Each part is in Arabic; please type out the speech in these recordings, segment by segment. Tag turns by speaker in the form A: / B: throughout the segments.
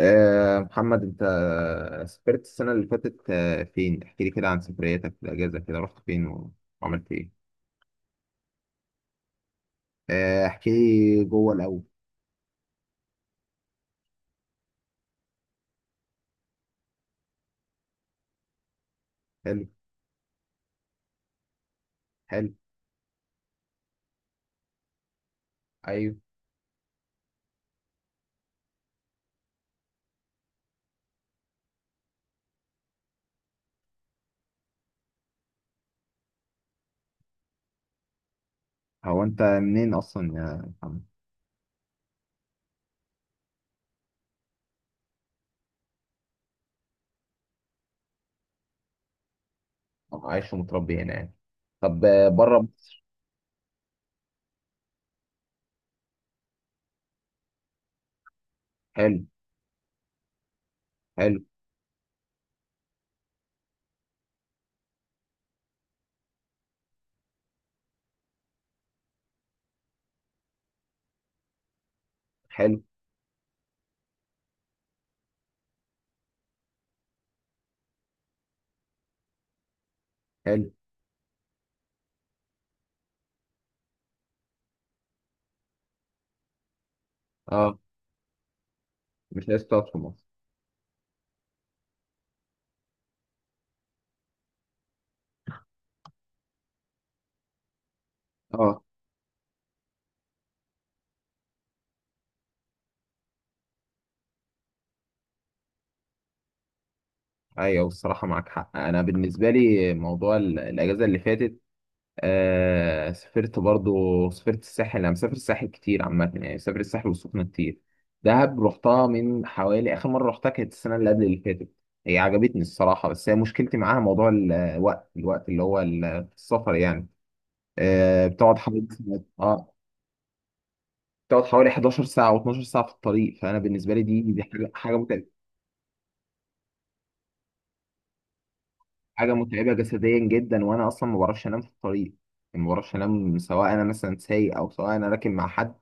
A: محمد، انت سافرت السنة اللي فاتت فين؟ احكي لي كده عن سفرياتك في الأجازة، كده رحت فين وعملت ايه؟ احكي لي جوه الأول. حلو. حلو. ايوه. هو انت منين أصلا يا محمد؟ أنا عايش ومتربي هنا يعني. طب، بره مصر؟ حلو. حلو. حلو. حلو. اه. مش عايز تقعد في مصر. اه، ايوه، الصراحة معاك حق. انا بالنسبة لي موضوع الأجازة اللي فاتت، سافرت، برضو سافرت الساحل. انا مسافر الساحل كتير عامة، يعني سافرت الساحل والسخنة كتير. دهب رحتها من حوالي، اخر مرة رحتها كانت السنة اللي قبل اللي فاتت. هي عجبتني الصراحة، بس هي مشكلتي معاها موضوع الوقت، الوقت اللي هو السفر يعني. آه بتقعد حوالي اه بتقعد حوالي 11 ساعة و12 ساعة في الطريق، فانا بالنسبة لي دي حاجة حاجة متعبة. حاجه متعبه جسديا جدا، وانا اصلا ما بعرفش انام في الطريق، يعني ما بعرفش انام سواء انا مثلا سايق او سواء انا راكب مع حد.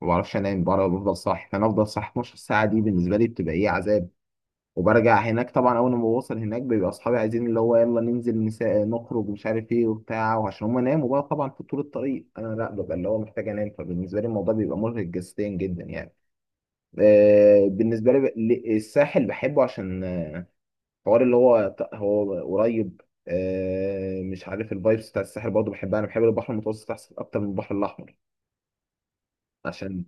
A: ما بعرفش انام بره، بفضل صاحي، فانا افضل صاحي 12 ساعه. دي بالنسبه لي بتبقى ايه، عذاب. وبرجع هناك طبعا، اول ما بوصل هناك بيبقى اصحابي عايزين اللي هو يلا ننزل، نخرج ومش عارف ايه وبتاع. وعشان هم ناموا بقى طبعا في طول الطريق، انا لا، ببقى اللي هو محتاج انام، فبالنسبه لي الموضوع بيبقى مرهق جسديا جدا يعني. بالنسبه لي الساحل بحبه، عشان حوار اللي هو قريب. مش عارف، الفايبس بتاع الساحل برضه بحبها، انا بحب البحر المتوسط احسن، اكتر من البحر الاحمر عشان...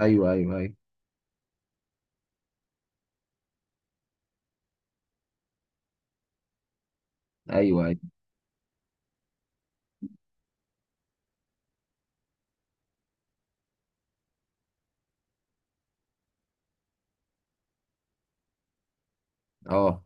A: ايوه، ايوه، ايوه، ايوه، ايوه، ايوه، اه.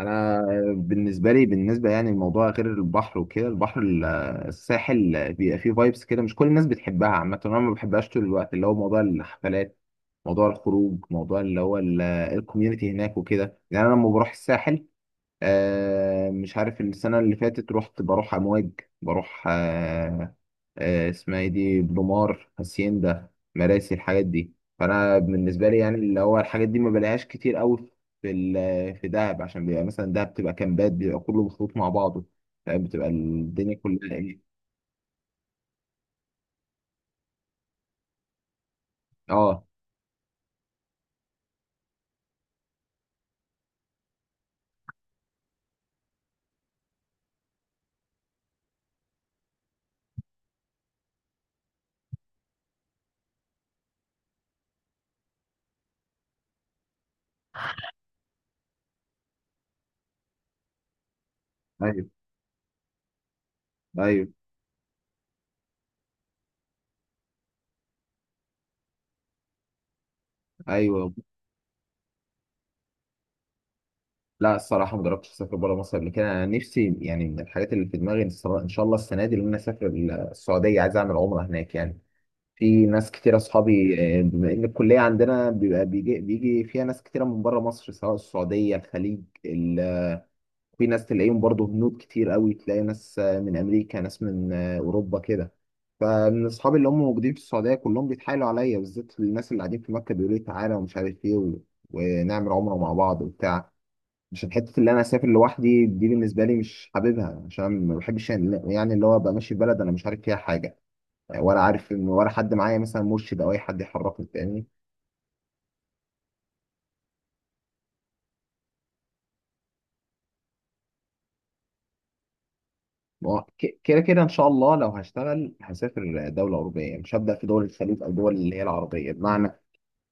A: انا بالنسبه لي، يعني الموضوع غير البحر وكده، البحر الساحل بيبقى فيه فايبس كده مش كل الناس بتحبها عامه. انا ما بحبهاش طول الوقت، اللي هو موضوع الحفلات، موضوع الخروج، موضوع اللي هو الكوميونتي هناك وكده يعني. انا لما بروح الساحل، مش عارف، السنة اللي فاتت رحت، بروح أمواج، بروح، اسمها ايه دي، بلومار، هاسيندا، مراسي، الحاجات دي. فأنا بالنسبة لي يعني، اللي هو الحاجات دي ما بلاقيهاش كتير قوي في في دهب، عشان بيبقى مثلا دهب بتبقى كامبات، بيبقى كله مخلوط مع بعضه. فاهم، بتبقى الدنيا كلها ايه. اه، ايوه، ايوه، ايوه. لا، الصراحه ما جربتش اسافر بره مصر قبل كده. انا نفسي يعني من الحاجات اللي في دماغي ان إن شاء الله السنه دي ان انا اسافر السعوديه، عايز اعمل عمره هناك يعني. في ناس كتير اصحابي، بما ان الكليه عندنا بيبقى بيجي بيجي فيها ناس كتيره من بره مصر، سواء السعوديه، الخليج، ال... في ناس تلاقيهم برضو، هنود كتير قوي، تلاقي ناس من امريكا، ناس من اوروبا كده. فمن اصحابي اللي هم موجودين في السعوديه كلهم بيتحايلوا عليا، بالذات الناس اللي قاعدين في مكه، بيقولوا لي تعالى ومش عارف ايه و... ونعمل عمره مع بعض وبتاع. عشان حته اللي انا اسافر لوحدي دي بالنسبه لي مش حاببها، عشان ما بحبش يعني، اللي هو ابقى ماشي في بلد انا مش عارف فيها حاجه يعني، ولا عارف ان، ولا حد معايا مثلا مرشد او اي حد يحركني، فاهمني. ما هو كده كده ان شاء الله، لو هشتغل هسافر دوله اوروبيه، مش هبدا في دول الخليج او دول اللي هي العربيه. بمعنى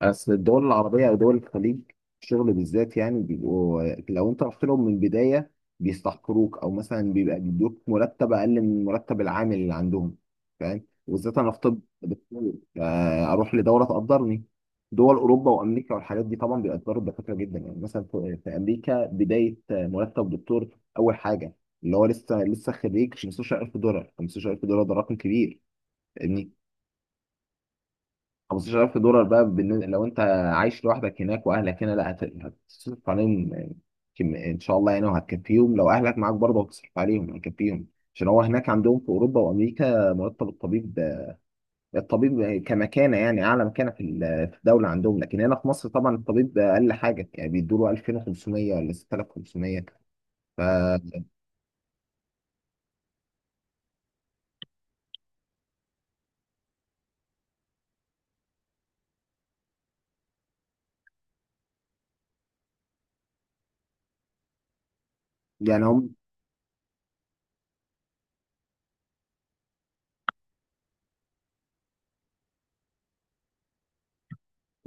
A: اصل الدول العربيه او دول الخليج، الشغل بالذات يعني بيبقوا، لو انت رحت لهم من البدايه بيستحقروك، او مثلا بيبقى بيدوك مرتب اقل من مرتب العامل اللي عندهم، فاهم. وبالذات انا في طب، دكتور، اروح لدوله تقدرني. دول اوروبا وامريكا والحاجات دي طبعا بيقدروا الدكاتره جدا، يعني مثلا في امريكا بدايه مرتب دكتور، اول حاجه، اللي هو لسه لسه خريج، 15000 دولار. 15000 دولار ده رقم كبير يعني. 15000 دولار بقى، بالنسبة لو انت عايش لوحدك هناك واهلك هنا لا، هتصرف عليهم ان شاء الله يعني، وهتكفيهم. لو اهلك معاك برضه هتصرف عليهم، هتكفيهم. عشان هو هناك عندهم في اوروبا وامريكا مرتب الطبيب، الطبيب كمكانه يعني اعلى مكانه في في الدوله عندهم. لكن هنا في مصر طبعا الطبيب اقل حاجه، يعني بيدوا له 2500 ولا 6500. ف... يعني هم،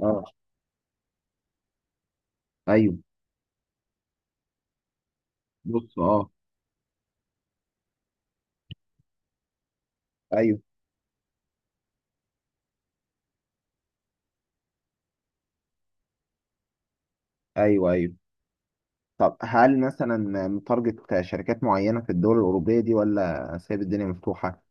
A: اه، ايوه، بص، اه، ايوه، ايوه، ايوه. طب هل مثلا متارجت شركات معينة في الدول الأوروبية دي، ولا سايب الدنيا مفتوحة؟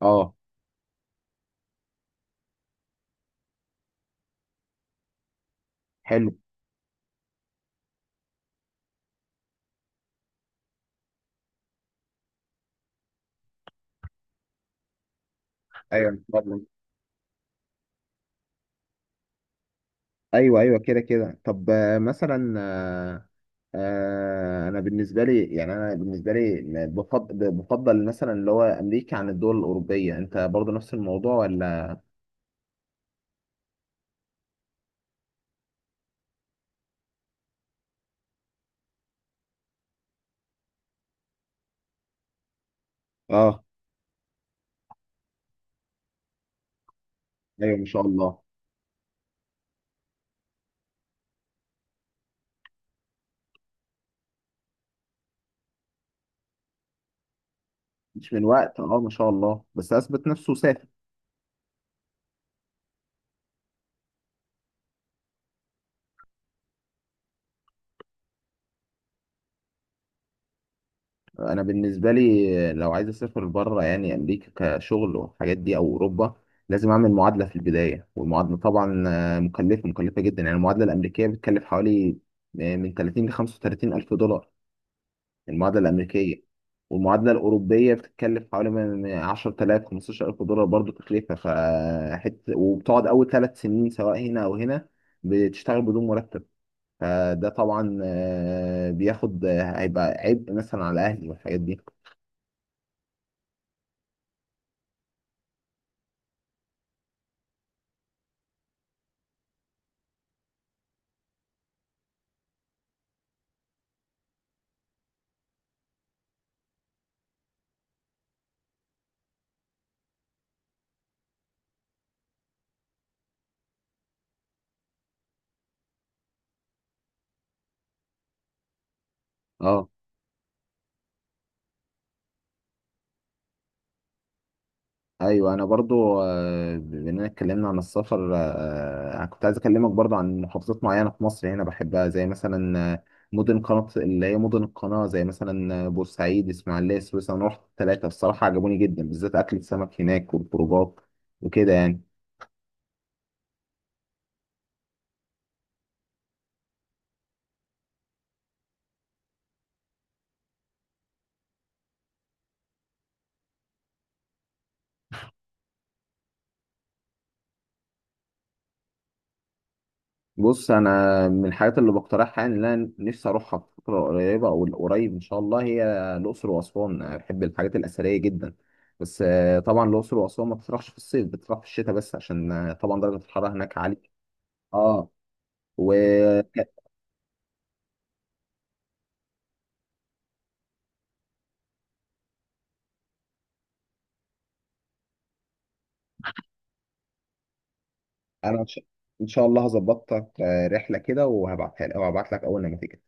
A: اه، حلو، ايوه، اتفضل. ايوه، ايوه، كده كده. طب مثلا، انا بالنسبه لي، يعني انا بالنسبه لي بفضل، مثلا اللي هو امريكا عن الدول الاوروبيه، انت برضه نفس الموضوع ولا... اه، ايوه، ما شاء الله. مش من وقت، اه، ما شاء الله. بس اثبت نفسه وسافر. انا بالنسبه لي لو عايز اسافر بره يعني امريكا كشغل والحاجات دي او اوروبا، لازم اعمل معادله في البدايه، والمعادله طبعا مكلفه مكلفه جدا يعني. المعادله الامريكيه بتكلف حوالي من 30 ل 35 الف دولار، المعادله الامريكيه. والمعادله الاوروبيه بتتكلف حوالي من 10000 15000 دولار برضو تكلفه فحت. وبتقعد اول 3 سنين، سواء هنا او هنا، بتشتغل بدون مرتب. فده طبعا آه، بياخد آه، هيبقى عبء مثلا على اهلي والحاجات دي. اه، ايوه، انا برضو، بما اننا اتكلمنا عن السفر، انا كنت عايز اكلمك برضو عن محافظات معينه في مصر هنا بحبها، زي مثلا مدن قناه اللي هي مدن القناه، زي مثلا بورسعيد، اسماعيليه، سويسرا. انا رحت الثلاثه، الصراحه عجبوني جدا، بالذات اكل السمك هناك والخروجات وكده يعني. بص، انا من الحاجات اللي بقترحها يعني، اللي انا نفسي اروحها في فتره قريبه او قريب ان شاء الله، هي الاقصر واسوان، انا بحب الحاجات الاثريه جدا. بس طبعا الاقصر واسوان ما بتطرحش في الصيف، بتطرح في الشتاء، بس عشان طبعا درجه الحراره هناك عاليه. اه، وانا، ان شاء إن شاء الله هظبط لك رحله كده وهبعتها لك، او هبعت لك اول ما تيجي.